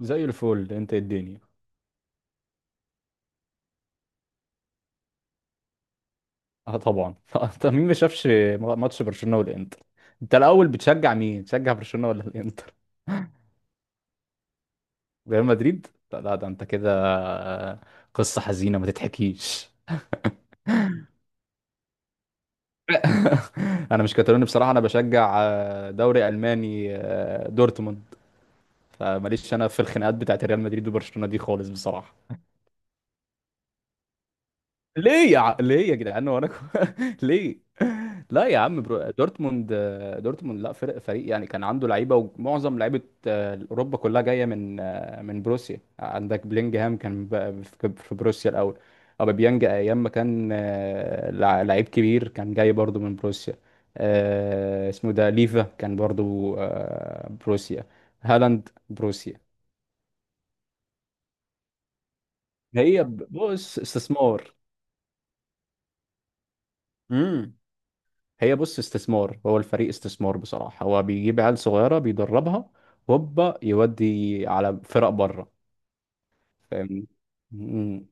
زي الفل، انت إيه الدنيا؟ اه، طبعا. طب مين ما شافش ماتش برشلونة والانتر؟ انت الاول بتشجع مين، بتشجع برشلونة ولا الانتر؟ ريال مدريد؟ لا لا، ده انت كده. قصة حزينة ما تتحكيش. انا مش كاتالوني بصراحة، انا بشجع دوري الماني، دورتموند. فماليش انا في الخناقات بتاعت ريال مدريد وبرشلونة دي خالص بصراحة. ليه يا جدعان، وانا ليه؟ لا يا عم، دورتموند لا فريق، يعني كان عنده لعيبه ومعظم لعيبه. اوروبا كلها جايه من من بروسيا، عندك بلينجهام كان في بروسيا الاول. اوباميانج ايام ما كان لعيب كبير، كان جاي برضو من بروسيا. اسمه ده ليفا كان برضو بروسيا، هالاند بروسيا. هي ب- بص استثمار هي بص استثمار، هو الفريق استثمار بصراحة، هو بيجيب عيال صغيرة بيدربها، هوبا يودي على فرق بره. فاهمني. مم.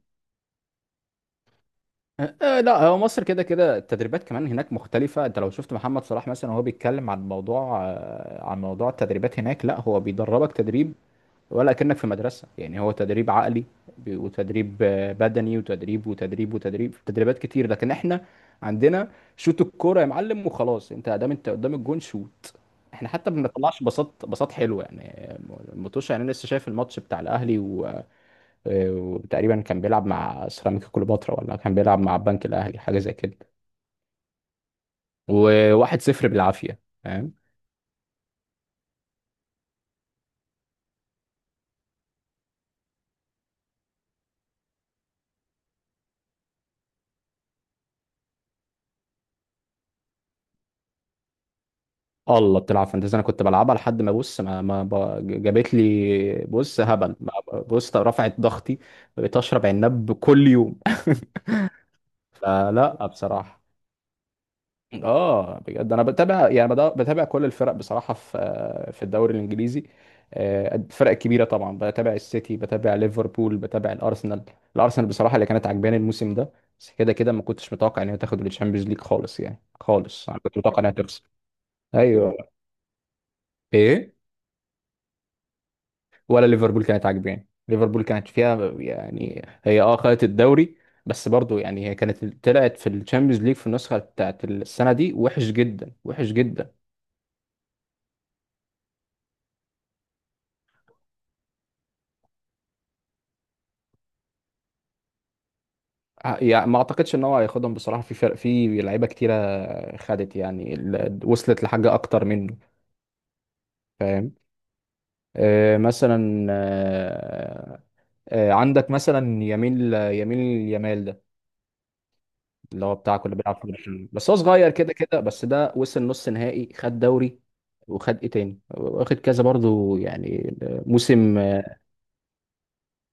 أه، لا هو مصر كده كده التدريبات كمان هناك مختلفة. انت لو شفت محمد صلاح مثلا وهو بيتكلم عن موضوع التدريبات هناك، لا هو بيدربك تدريب، ولا كأنك في مدرسة يعني. هو تدريب عقلي وتدريب بدني، وتدريب وتدريب وتدريب، تدريبات كتير. لكن احنا عندنا شوت الكورة يا معلم وخلاص، انت دام انت قدام الجون شوت. احنا حتى ما بنطلعش بساط، بساط حلو يعني. آه، المطوشه. يعني أنا لسه شايف الماتش بتاع الاهلي و... آه، وتقريبا كان بيلعب مع سيراميكا كليوباترا، ولا كان بيلعب مع البنك الاهلي، حاجة زي كده. وواحد صفر بالعافية، فاهم. الله، بتلعب فانتزي؟ انا كنت بلعبها لحد ما، بص، ما, ما ب- جابت لي، بص هبل، بص رفعت ضغطي. بقيت اشرب عناب كل يوم. فلا بصراحه. اه بجد، انا بتابع يعني، بتابع كل الفرق بصراحه في الدوري الانجليزي. الفرق الكبيره طبعا، بتابع السيتي، بتابع ليفربول، بتابع الارسنال. الارسنال بصراحه اللي كانت عجباني الموسم ده، بس كده كده ما كنتش متوقع ان هي تاخد الشامبيونز ليج خالص، يعني خالص انا كنت متوقع انها تخسر. ايوه، ايه. ولا، ليفربول كانت عاجباني، ليفربول كانت فيها يعني، هي خدت الدوري، بس برضو يعني هي كانت طلعت في الشامبيونز ليج في النسخه بتاعت السنه دي وحش جدا، وحش جدا. يعني ما اعتقدش ان هو هياخدهم بصراحه، في فرق في لعيبه كتيره خدت، يعني وصلت لحاجه اكتر منه. فاهم. آه مثلا آه آه عندك مثلا يمين يامال، اللي هو بتاع كل بيلعب في برشلونه، بس هو صغير كده كده، بس ده وصل نص نهائي، خد دوري، وخد ايه تاني، واخد كذا برضو يعني موسم.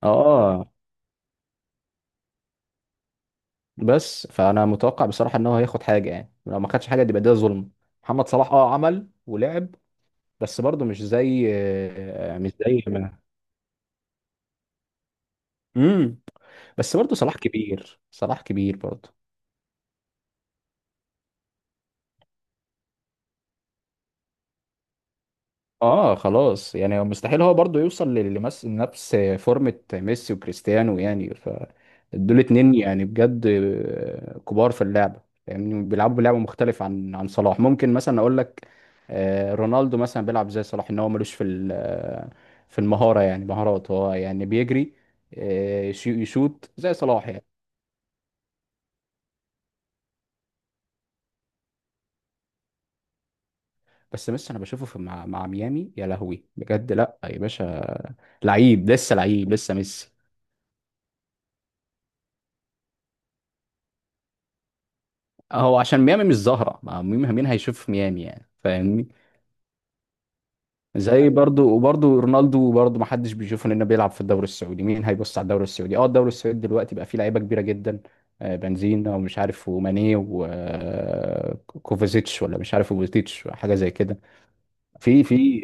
اه، بس فانا متوقع بصراحه ان هو هياخد حاجه، يعني لو ما خدش حاجه دي يبقى ده ظلم. محمد صلاح عمل ولعب، بس برضو مش زي آه، مش زي ما امم بس برضو صلاح كبير، صلاح كبير برضو. اه خلاص، يعني مستحيل هو برضه يوصل لل- لمس- لنفس نفس فورمة ميسي وكريستيانو يعني، ف دول اتنين يعني بجد، كبار في اللعبة. يعني بيلعبوا لعبة مختلفة عن صلاح. ممكن مثلا اقول لك رونالدو مثلا بيلعب زي صلاح، ان هو ملوش في في المهارة، يعني مهارات، هو يعني بيجري، يشوط زي صلاح يعني. بس ميسي، انا بشوفه في مع مع ميامي، يا لهوي بجد، لا يا باشا، لعيب لسه، لعيب لسه ميسي. هو عشان ميامي مش ظاهرة، ما مين هيشوف في ميامي يعني، فاهمني. زي برضو، وبرضو رونالدو برضو ما حدش بيشوفه لأنه بيلعب في الدوري السعودي، مين هيبص على الدوري السعودي؟ اه، الدوري السعودي دلوقتي بقى فيه لعيبة كبيرة جدا، بنزيما ومش عارف، وماني وكوفازيتش، ولا مش عارف، وبوتيتش، حاجة زي كده. في في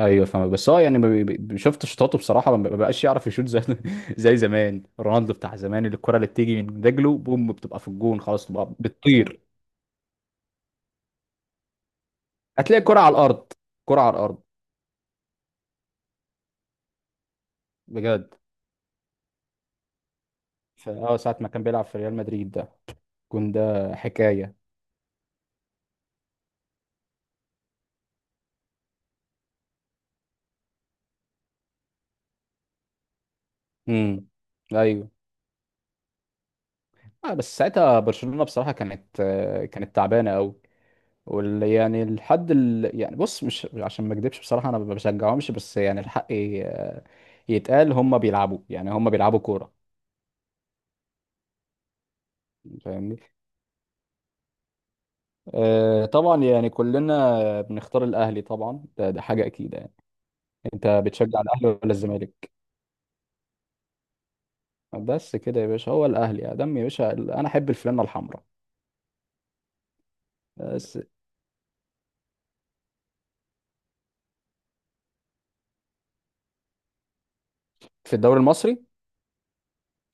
ايوه، فاهم. بس هو يعني ما بي- بي- شفت شطاته بصراحة، ما بقاش يعرف يشوط زي زي زمان، رونالدو بتاع زمان، اللي الكرة اللي بتيجي من رجله بوم بتبقى في الجون، خلاص بتبقى بتطير. هتلاقي كرة على الأرض، كرة على الأرض، بجد. ساعة ما كان بيلعب في ريال مدريد ده، كون ده حكاية. امم. ايوه. بس ساعتها برشلونة بصراحة كانت، آه، كانت تعبانة قوي، يعني يعني بص، مش عشان ما اكدبش بصراحة انا ما بشجعهمش، بس يعني الحق يتقال، هم بيلعبوا يعني، هم بيلعبوا كورة. فاهمني. آه طبعا، يعني كلنا بنختار الاهلي طبعا، ده حاجة اكيد يعني. انت بتشجع الاهلي ولا الزمالك؟ بس كده يا باشا، هو الاهلي يا دم يا باشا، انا احب الفلانة الحمراء. بس في الدوري المصري.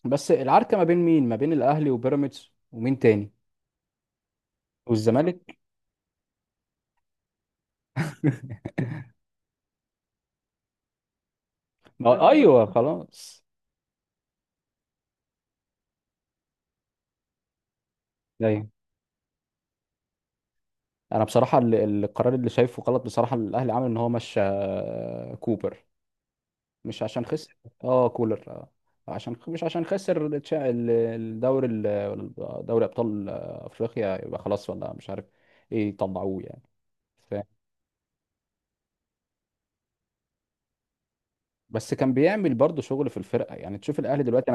بس العركه ما بين مين، ما بين الاهلي وبيراميدز ومين تاني؟ والزمالك. ما ايوه، خلاص. ايوه. انا بصراحه القرار اللي شايفه غلط بصراحه، الاهلي عمل ان هو مشى كوبر، مش عشان خسر. اه، كولر. عشان مش عشان خسر الدوري دوري ابطال افريقيا، يبقى خلاص ولا مش عارف ايه يطلعوه يعني. ف... بس كان بيعمل برضه شغل في الفرقه يعني، تشوف الاهلي دلوقتي.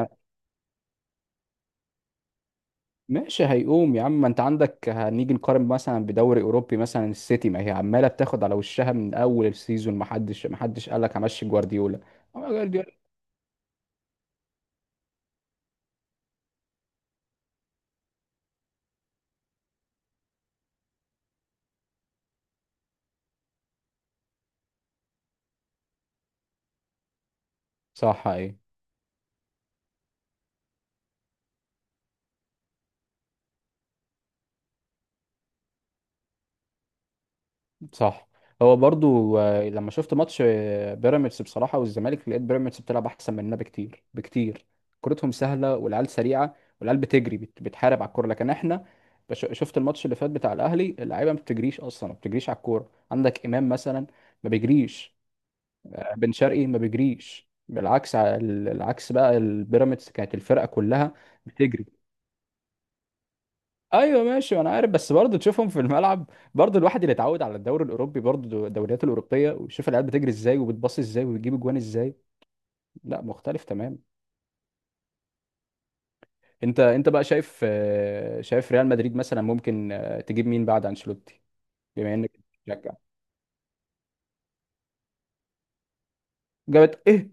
ماشي، هيقوم يا عم. ما انت عندك، هنيجي نقارن مثلا بدوري اوروبي مثلا، السيتي ما هي عماله بتاخد على وشها من اول السيزون، ما حدش قال لك همشي جوارديولا. أما جوارديولا. صح، ايه، صح. هو برضو، لما شفت ماتش بيراميدز بصراحه والزمالك، لقيت بيراميدز بتلعب احسن مننا بكتير بكتير. كرتهم سهله، والعيال سريعه، والعيال بتجري، بتحارب على الكوره. لكن احنا، شفت الماتش اللي فات بتاع الاهلي، اللعيبه ما بتجريش اصلا، ما بتجريش على الكوره. عندك امام مثلا ما بيجريش، بن شرقي ما بيجريش، بالعكس العكس بقى. البيراميدز كانت الفرقه كلها بتجري. ايوه ماشي، انا عارف. بس برضه تشوفهم في الملعب، برضه الواحد اللي اتعود على الدوري الاوروبي، برضه الدوريات الاوروبيه، ويشوف العيال بتجري ازاي، وبتباصي ازاي، وبتجيب اجوان ازاي، لا مختلف تمام. انت، انت بقى شايف شايف ريال مدريد مثلا ممكن تجيب مين بعد انشيلوتي؟ بما انك بتشجع. جابت ايه؟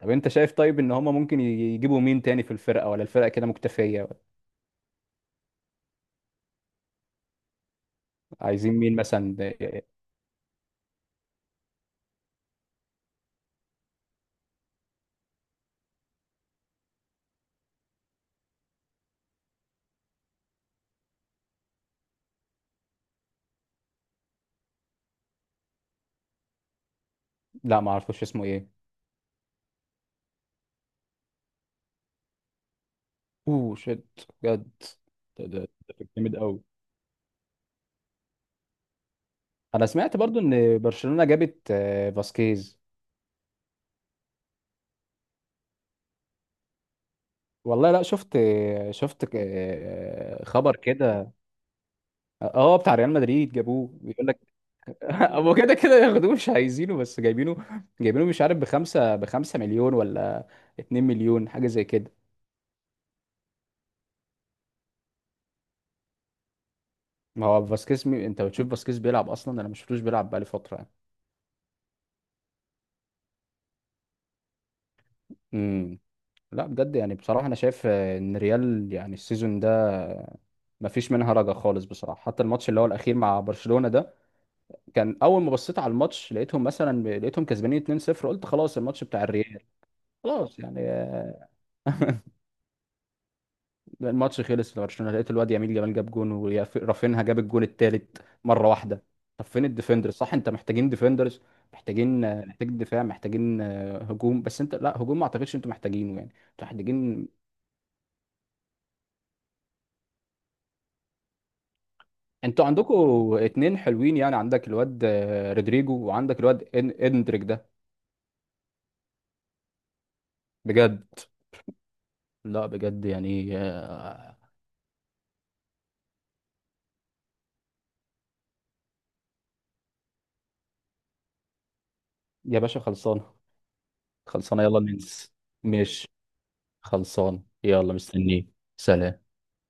طب انت شايف طيب ان هم ممكن يجيبوا مين تاني في الفرقه، ولا الفرقه كده مكتفيه؟ عايزين مين مثلا؟ لا، ما اعرفوش اسمه ايه. اوه شيت، بجد. ده ده ده كان جامد قوي. انا سمعت برضو ان برشلونة جابت فاسكيز. والله لا، شفت خبر كده. اه، بتاع ريال مدريد جابوه، بيقول لك. هو كده كده ياخدوه مش عايزينه، بس جايبينه. جايبينه مش عارف، بخمسة مليون ولا 2 مليون، حاجة زي كده. ما هو فاسكيز انت بتشوف فاسكيز بيلعب اصلا؟ انا ما شفتوش بيلعب بقالي فترة يعني. امم. لا بجد يعني، بصراحة أنا شايف إن ريال يعني السيزون ده مفيش منها رجع خالص بصراحة. حتى الماتش اللي هو الأخير مع برشلونة ده، كان أول ما بصيت على الماتش لقيتهم مثلا، لقيتهم كسبانين 2-0، قلت خلاص الماتش بتاع الريال، خلاص يعني الماتش خلص لبرشلونة، لقيت الواد يمين جمال جاب جون، ورافينها جاب الجون التالت مرة واحدة. طب فين الديفندرز؟ صح، أنت محتاجين ديفندرز، محتاجين محتاج دفاع، محتاجين هجوم. بس أنت لا، هجوم ما أعتقدش أنتوا محتاجينه يعني، أنتوا محتاجين. انتوا عندكم اتنين حلوين يعني، عندك الواد رودريجو، وعندك الواد اندريك ده. بجد. لا بجد يعني يا باشا، خلصانه. خلصانه، يلا ننس. ماشي، خلصان، يلا مستنيك. سلام.